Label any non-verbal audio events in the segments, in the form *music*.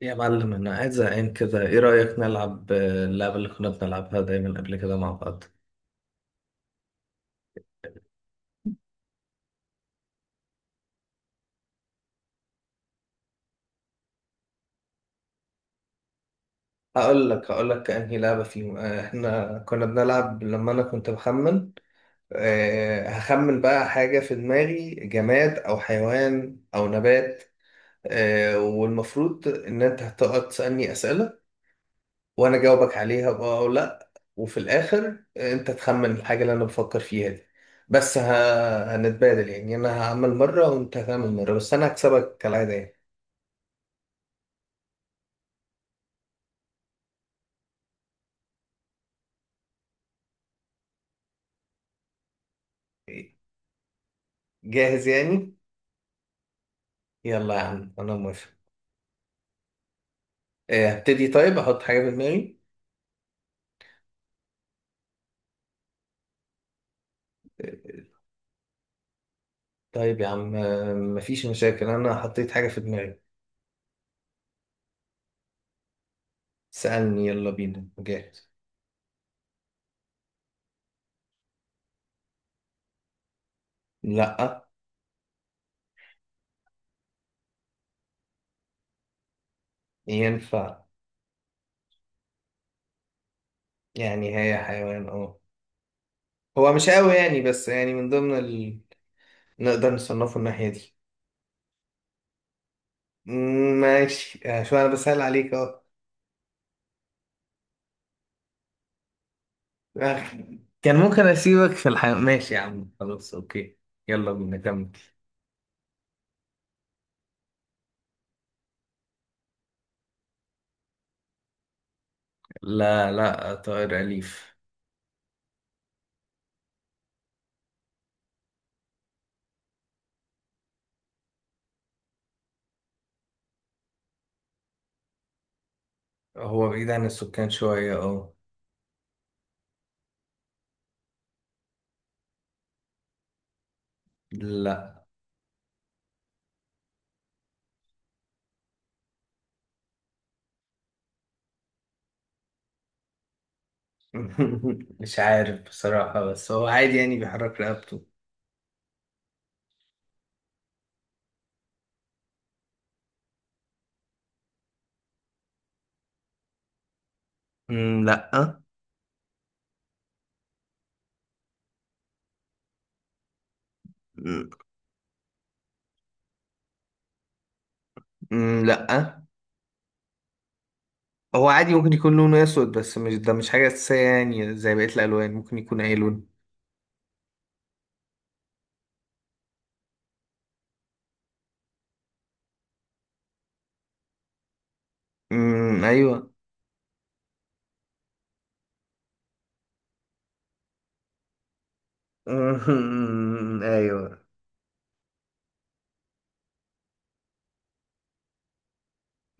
يا معلم، انا قاعد زهقان كده. ايه رأيك نلعب اللعبة اللي كنا بنلعبها دايما قبل كده مع بعض؟ هقول لك انهي لعبة فيهم. احنا كنا بنلعب لما انا كنت بخمن. هخمن بقى حاجة في دماغي، جماد او حيوان او نبات. والمفروض ان انت هتقعد تسألني أسئلة، وانا اجاوبك عليها بقى او لا. وفي الاخر انت تخمن الحاجه اللي انا بفكر فيها دي. بس هنتبادل يعني، انا هعمل مره وانت هتعمل مره، بس انا هكسبك كالعاده يعني. جاهز يعني. يلا يا عم، انا موافق. هبتدي. طيب احط حاجه في دماغي. طيب يا عم، مفيش مشاكل، انا حطيت حاجه في دماغي. سألني، يلا بينا، جاهز. لا. ينفع. يعني هي حيوان، اه. هو مش قوي يعني، بس يعني من ضمن نقدر نصنفه الناحيه دي. ماشي. شو انا بسأل عليك اهو. آه، كان ممكن اسيبك في الحياة. ماشي يا عم، خلاص، اوكي. يلا بينا، كمل. لا، لا، طائر أليف. هو بعيد عن السكان شوية، اه. لا. *laughs* مش عارف بصراحة، بس هو عادي يعني، بيحرك رقبته. لا. مم، لا. هو عادي ممكن يكون لونه اسود، بس مش ده مش حاجة أساسية يعني، زي بقية الألوان ممكن يكون أي لون. أيوه. *laughs* أيوه.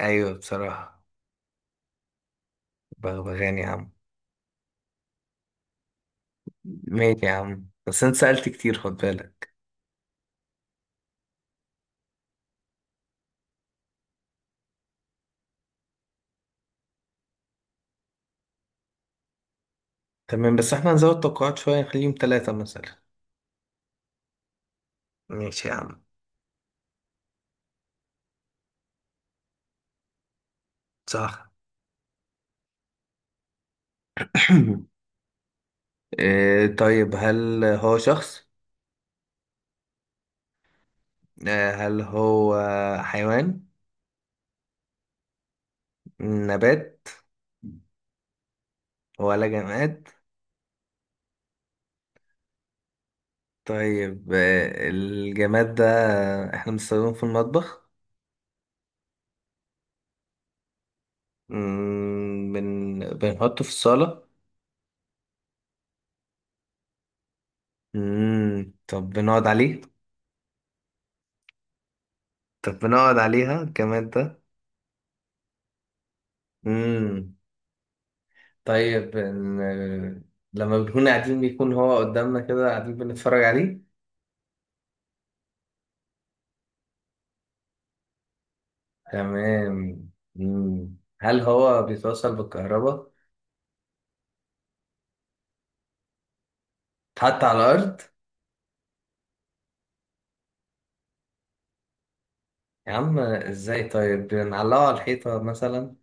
أيوه بصراحة. بغبغان يا عم. ماشي يا عم، بس انت سألت كتير، خد بالك. تمام، بس احنا هنزود توقعات شوية، نخليهم ثلاثة مثلا. ماشي يا عم. صح. *clears throat* طيب هل هو شخص؟ هل هو حيوان؟ نبات؟ ولا جماد؟ طيب، الجماد ده احنا بنستخدمه في المطبخ؟ بنحطه في الصالة. طب بنقعد عليه؟ طب بنقعد عليها الجماد ده؟ مم. طيب لما بنكون قاعدين بيكون هو قدامنا كده قاعدين بنتفرج عليه. تمام. مم. هل هو بيتوصل بالكهرباء؟ اتحط على الأرض؟ يا عم ازاي؟ طيب بنعلقه على الحيطة مثلا؟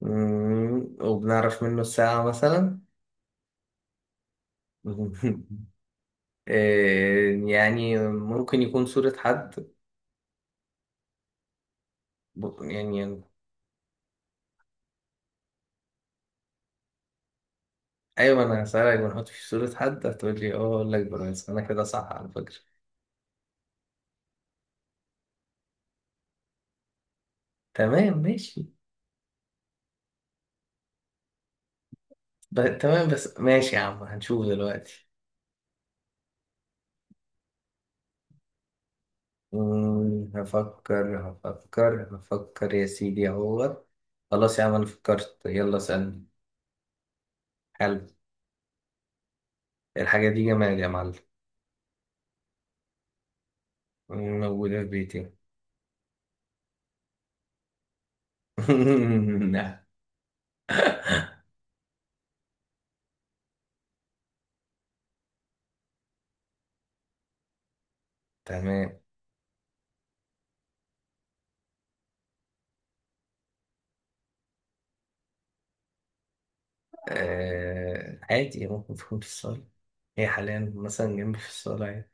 مم. وبنعرف منه الساعة مثلا؟ *laughs* إيه، يعني ممكن يكون صورة حد؟ يعني. أيوة أنا هسألك، بنحط في صورة حد، هتقول لي اه، أقول لك بس أنا كده صح على فكرة. تمام، ماشي. تمام، بس ماشي يا عم، هنشوف دلوقتي. هفكر. هفكر هفكر يا سيدي اهوت. خلاص يا عم، انا فكرت، يلا اسألني. حلو. الحاجة دي جمال يا معلم. موجودة في بيتي. *laughs* نعم. تمام. عادي ممكن تكون في الصالة، هي حاليا مثلا جنبي في الصالة يعني.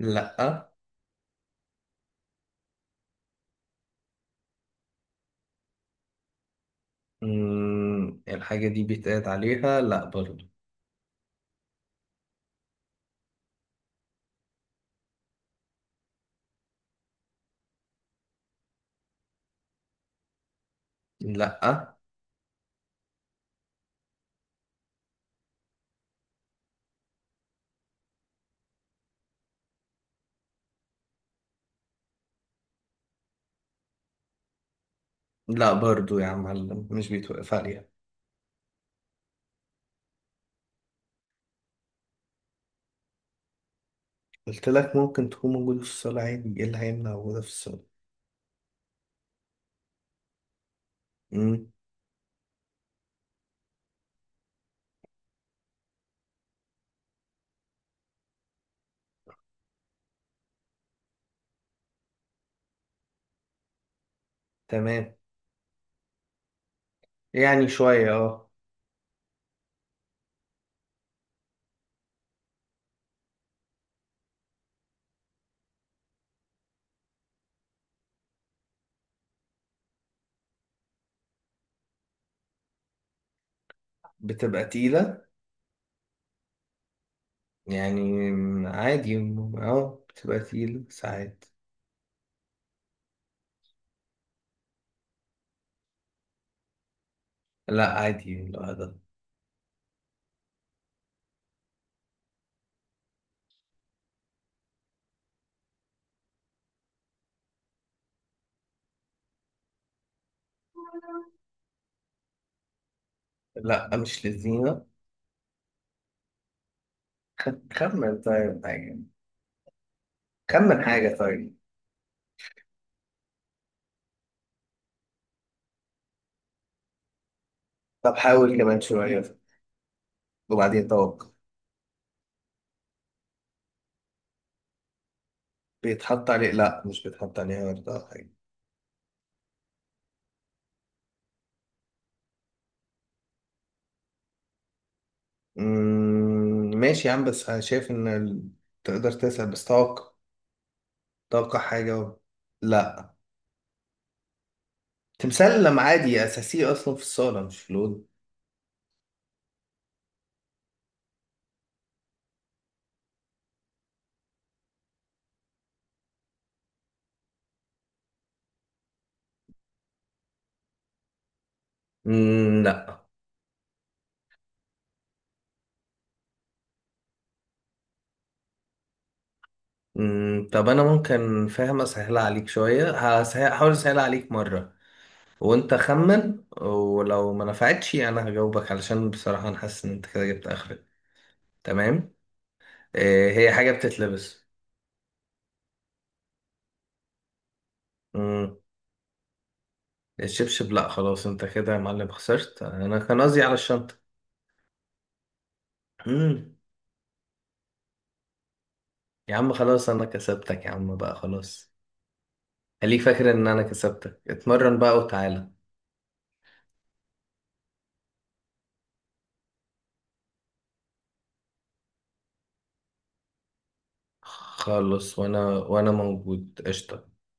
لأ. الحاجة دي بيتقعد عليها؟ لأ، برضو. لأ، لأ برضو يا عم معلم، مش بيتوقف عليها. قلت لك ممكن تكون موجودة في الصالة عادي، ايه اللي هيمنع وجودها في الصالة؟ امم. تمام، يعني شوية اه. بتبقى تقيلة. يعني عادي، اه بتبقى تقيلة ساعات. لا، عادي لوحدها. لا، مش لذينة. خمن طيب حاجة. خمن حاجة طيب. طب حاول كمان شوية وبعدين توقع. بيتحط عليه لا، مش بيتحط عليه ورد أو حاجة. ماشي يا عم، بس أنا شايف إن تقدر تسأل بس توقع. توقع حاجة و... لا. تمثال لما عادي اساسي اصلا في الصاله مش لون. لا. طب انا ممكن فاهم اسهلها عليك شويه. هحاول اسهلها عليك مره، وانت خمن، ولو ما نفعتش انا هجاوبك، علشان بصراحه انا حاسس ان انت كده جبت اخرك. تمام. هي حاجه بتتلبس. مم، الشبشب لا، خلاص انت كده يا معلم خسرت، انا كان قصدي على الشنطه. مم، يا عم خلاص انا كسبتك يا عم، بقى خلاص. خليك فاكر ان انا كسبتك، اتمرن بقى وتعالى. خلص، وانا موجود، قشطة.